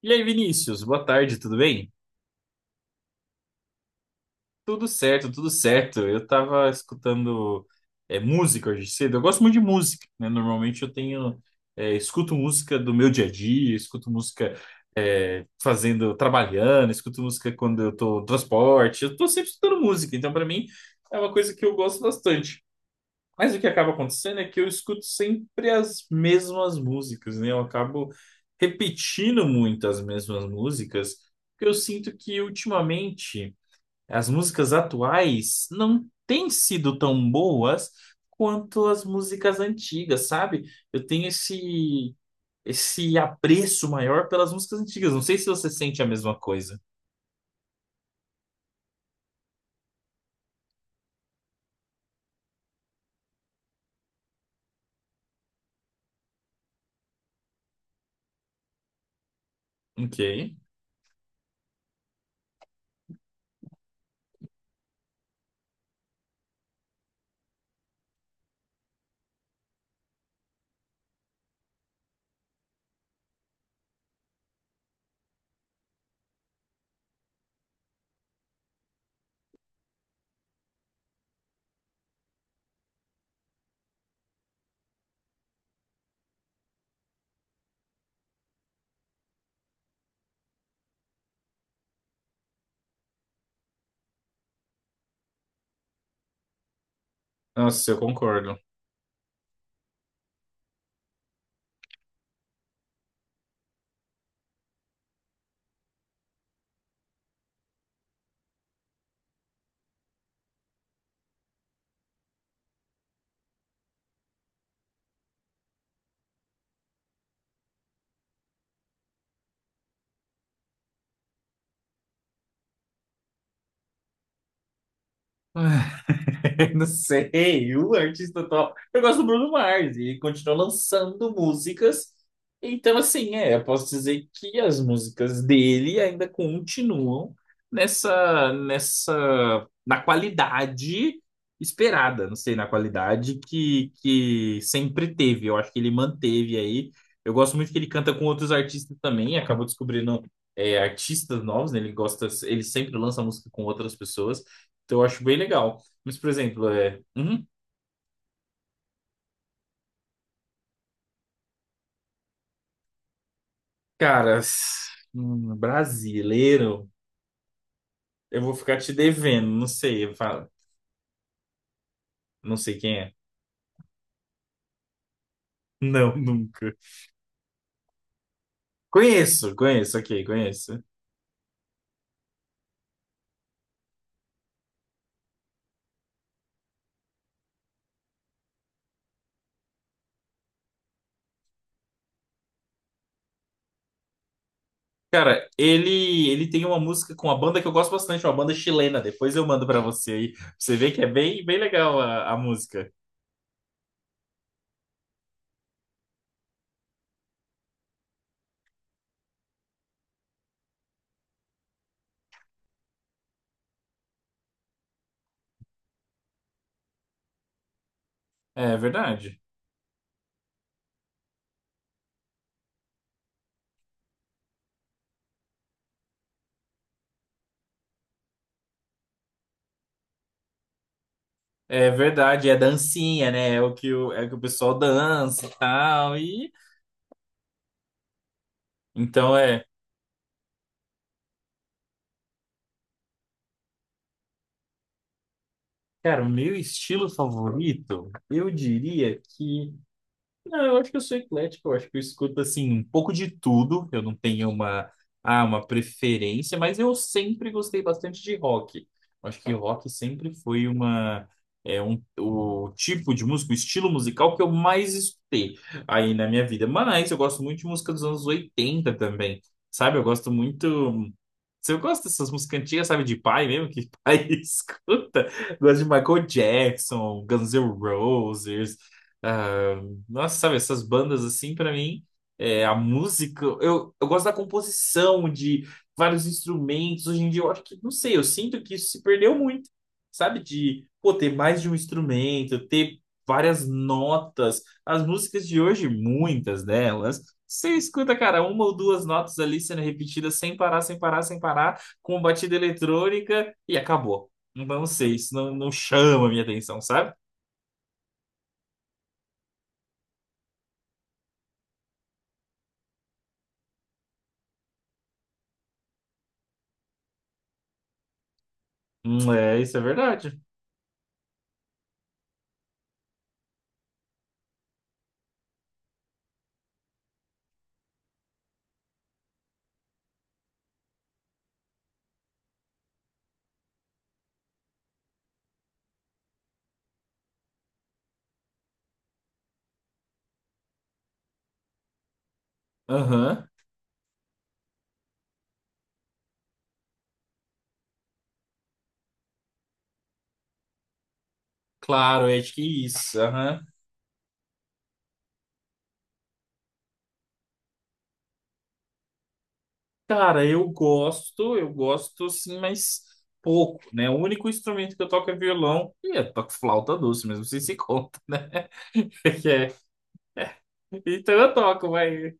E aí, Vinícius, boa tarde, tudo bem? Tudo certo, tudo certo. Eu tava escutando música hoje cedo. Eu gosto muito de música, né? Normalmente eu tenho, é, Escuto música do meu dia a dia, escuto música fazendo, trabalhando, escuto música quando eu tô no transporte. Eu tô sempre escutando música, então para mim é uma coisa que eu gosto bastante. Mas o que acaba acontecendo é que eu escuto sempre as mesmas músicas, né? Eu acabo repetindo muito as mesmas músicas, porque eu sinto que ultimamente as músicas atuais não têm sido tão boas quanto as músicas antigas, sabe? Eu tenho esse apreço maior pelas músicas antigas. Não sei se você sente a mesma coisa. Ok. Nossa, eu concordo. Ah, Eu não sei, o artista top. Eu gosto do Bruno Mars e ele continua lançando músicas. Então, assim, eu posso dizer que as músicas dele ainda continuam na qualidade esperada, não sei, na qualidade que sempre teve. Eu acho que ele manteve aí. Eu gosto muito que ele canta com outros artistas também, acabou descobrindo artistas novos, né? Ele gosta, ele sempre lança música com outras pessoas. Então, eu acho bem legal. Mas, por exemplo, um um brasileiro, eu vou ficar te devendo, não sei, eu não sei quem é. Não, nunca. Conheço, conheço, ok, conheço. Cara, ele tem uma música com uma banda que eu gosto bastante, uma banda chilena. Depois eu mando pra você aí, pra você ver que é bem legal a música. É verdade. É verdade, é dancinha, né? É o é o que o pessoal dança e tal e então é. Cara, o meu estilo favorito, eu diria que não, eu acho que eu sou eclético, eu acho que eu escuto assim um pouco de tudo. Eu não tenho uma, ah, Uma preferência, mas eu sempre gostei bastante de rock. Eu acho que rock sempre foi uma é um o tipo de música, o estilo musical que eu mais escutei aí na minha vida. Mas eu gosto muito de música dos anos 80 também. Sabe? Eu gosto muito se Eu gosto dessas músicas antigas, sabe, de pai mesmo, que pai escuta. Gosto de Michael Jackson, Guns N' Roses, ah, nossa, sabe, essas bandas assim, pra mim, eu gosto da composição, de vários instrumentos. Hoje em dia, eu acho que, não sei, eu sinto que isso se perdeu muito, sabe? De, pô, ter mais de um instrumento, ter várias notas. As músicas de hoje, muitas delas, você escuta, cara, uma ou duas notas ali sendo repetidas sem parar, sem parar, sem parar, com batida eletrônica e acabou. Então, não sei, não chama a minha atenção, sabe? É, isso é verdade. Aham. Claro, é que isso. Aham. Cara, eu gosto sim, mas pouco, né? O único instrumento que eu toco é violão e eu toco flauta doce, mas não sei se conta. É. Então eu toco, mas.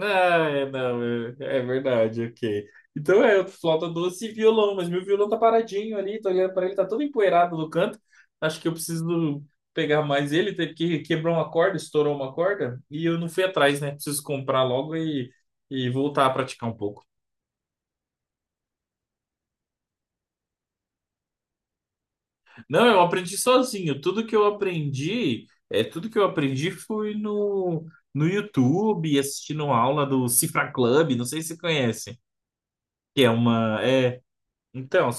Ah, é, não, é verdade, ok. Então é, eu toco flauta doce e violão, mas meu violão tá paradinho ali, tô olhando pra ele, tá todo empoeirado no canto. Acho que eu preciso pegar mais ele, teve que quebrar uma corda, estourou uma corda e eu não fui atrás, né? Preciso comprar logo e voltar a praticar um pouco. Não, eu aprendi sozinho. Tudo que eu aprendi foi no YouTube, assistindo aula do Cifra Club, não sei se você conhece, que é uma, é, então,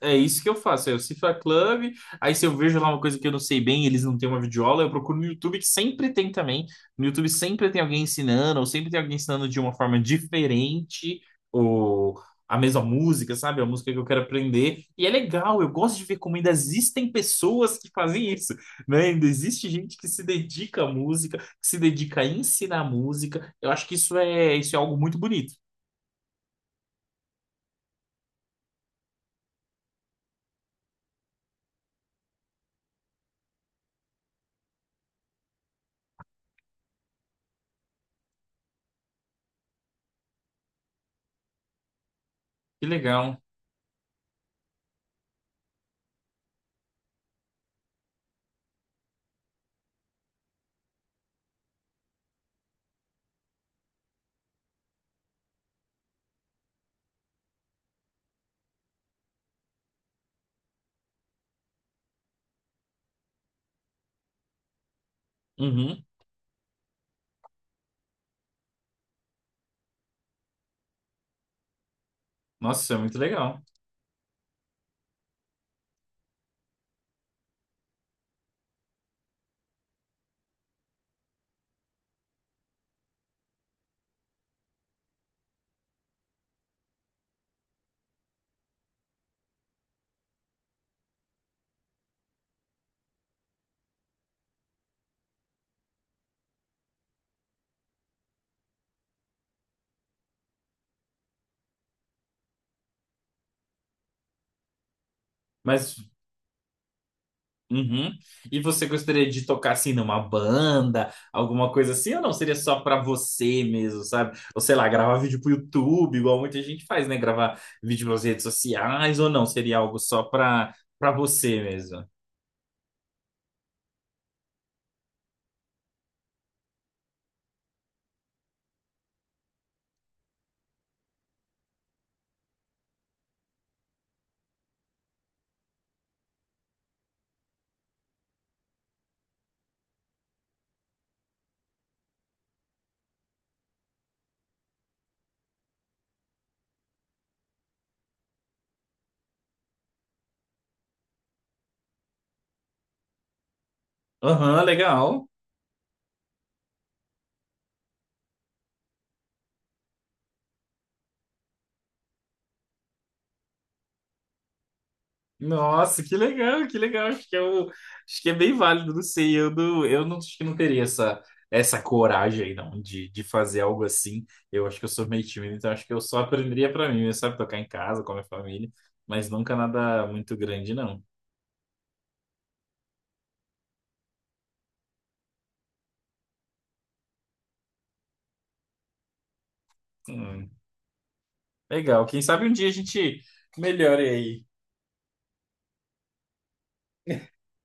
é isso que eu faço. Eu cifro a club, aí se eu vejo lá uma coisa que eu não sei bem, eles não têm uma videoaula, eu procuro no YouTube, que sempre tem também. No YouTube sempre tem alguém ensinando, ou sempre tem alguém ensinando de uma forma diferente, ou a mesma música, sabe? A música que eu quero aprender. E é legal, eu gosto de ver como ainda existem pessoas que fazem isso, né? Ainda existe gente que se dedica à música, que se dedica a ensinar música. Eu acho que isso é algo muito bonito. Que legal. Uhum. Nossa, isso é muito legal. Mas uhum. E você gostaria de tocar assim numa banda, alguma coisa assim, ou não? Seria só pra você mesmo, sabe? Ou sei lá, gravar vídeo pro YouTube, igual muita gente faz, né? Gravar vídeo nas redes sociais, ou não? Seria algo só pra, pra você mesmo. Aham, legal. Nossa, que legal, que legal. Acho acho que é bem válido, não sei. Eu não acho que não teria essa coragem aí, não, de fazer algo assim. Eu acho que eu sou meio tímido, então acho que eu só aprenderia pra mim, sabe? Tocar em casa com a minha família, mas nunca nada muito grande, não. Hum, legal. Quem sabe um dia a gente melhore aí.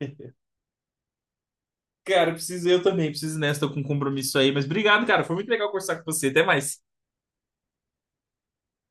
Cara, preciso eu também, preciso nessa, tô com um compromisso aí. Mas obrigado, cara. Foi muito legal conversar com você. Até mais.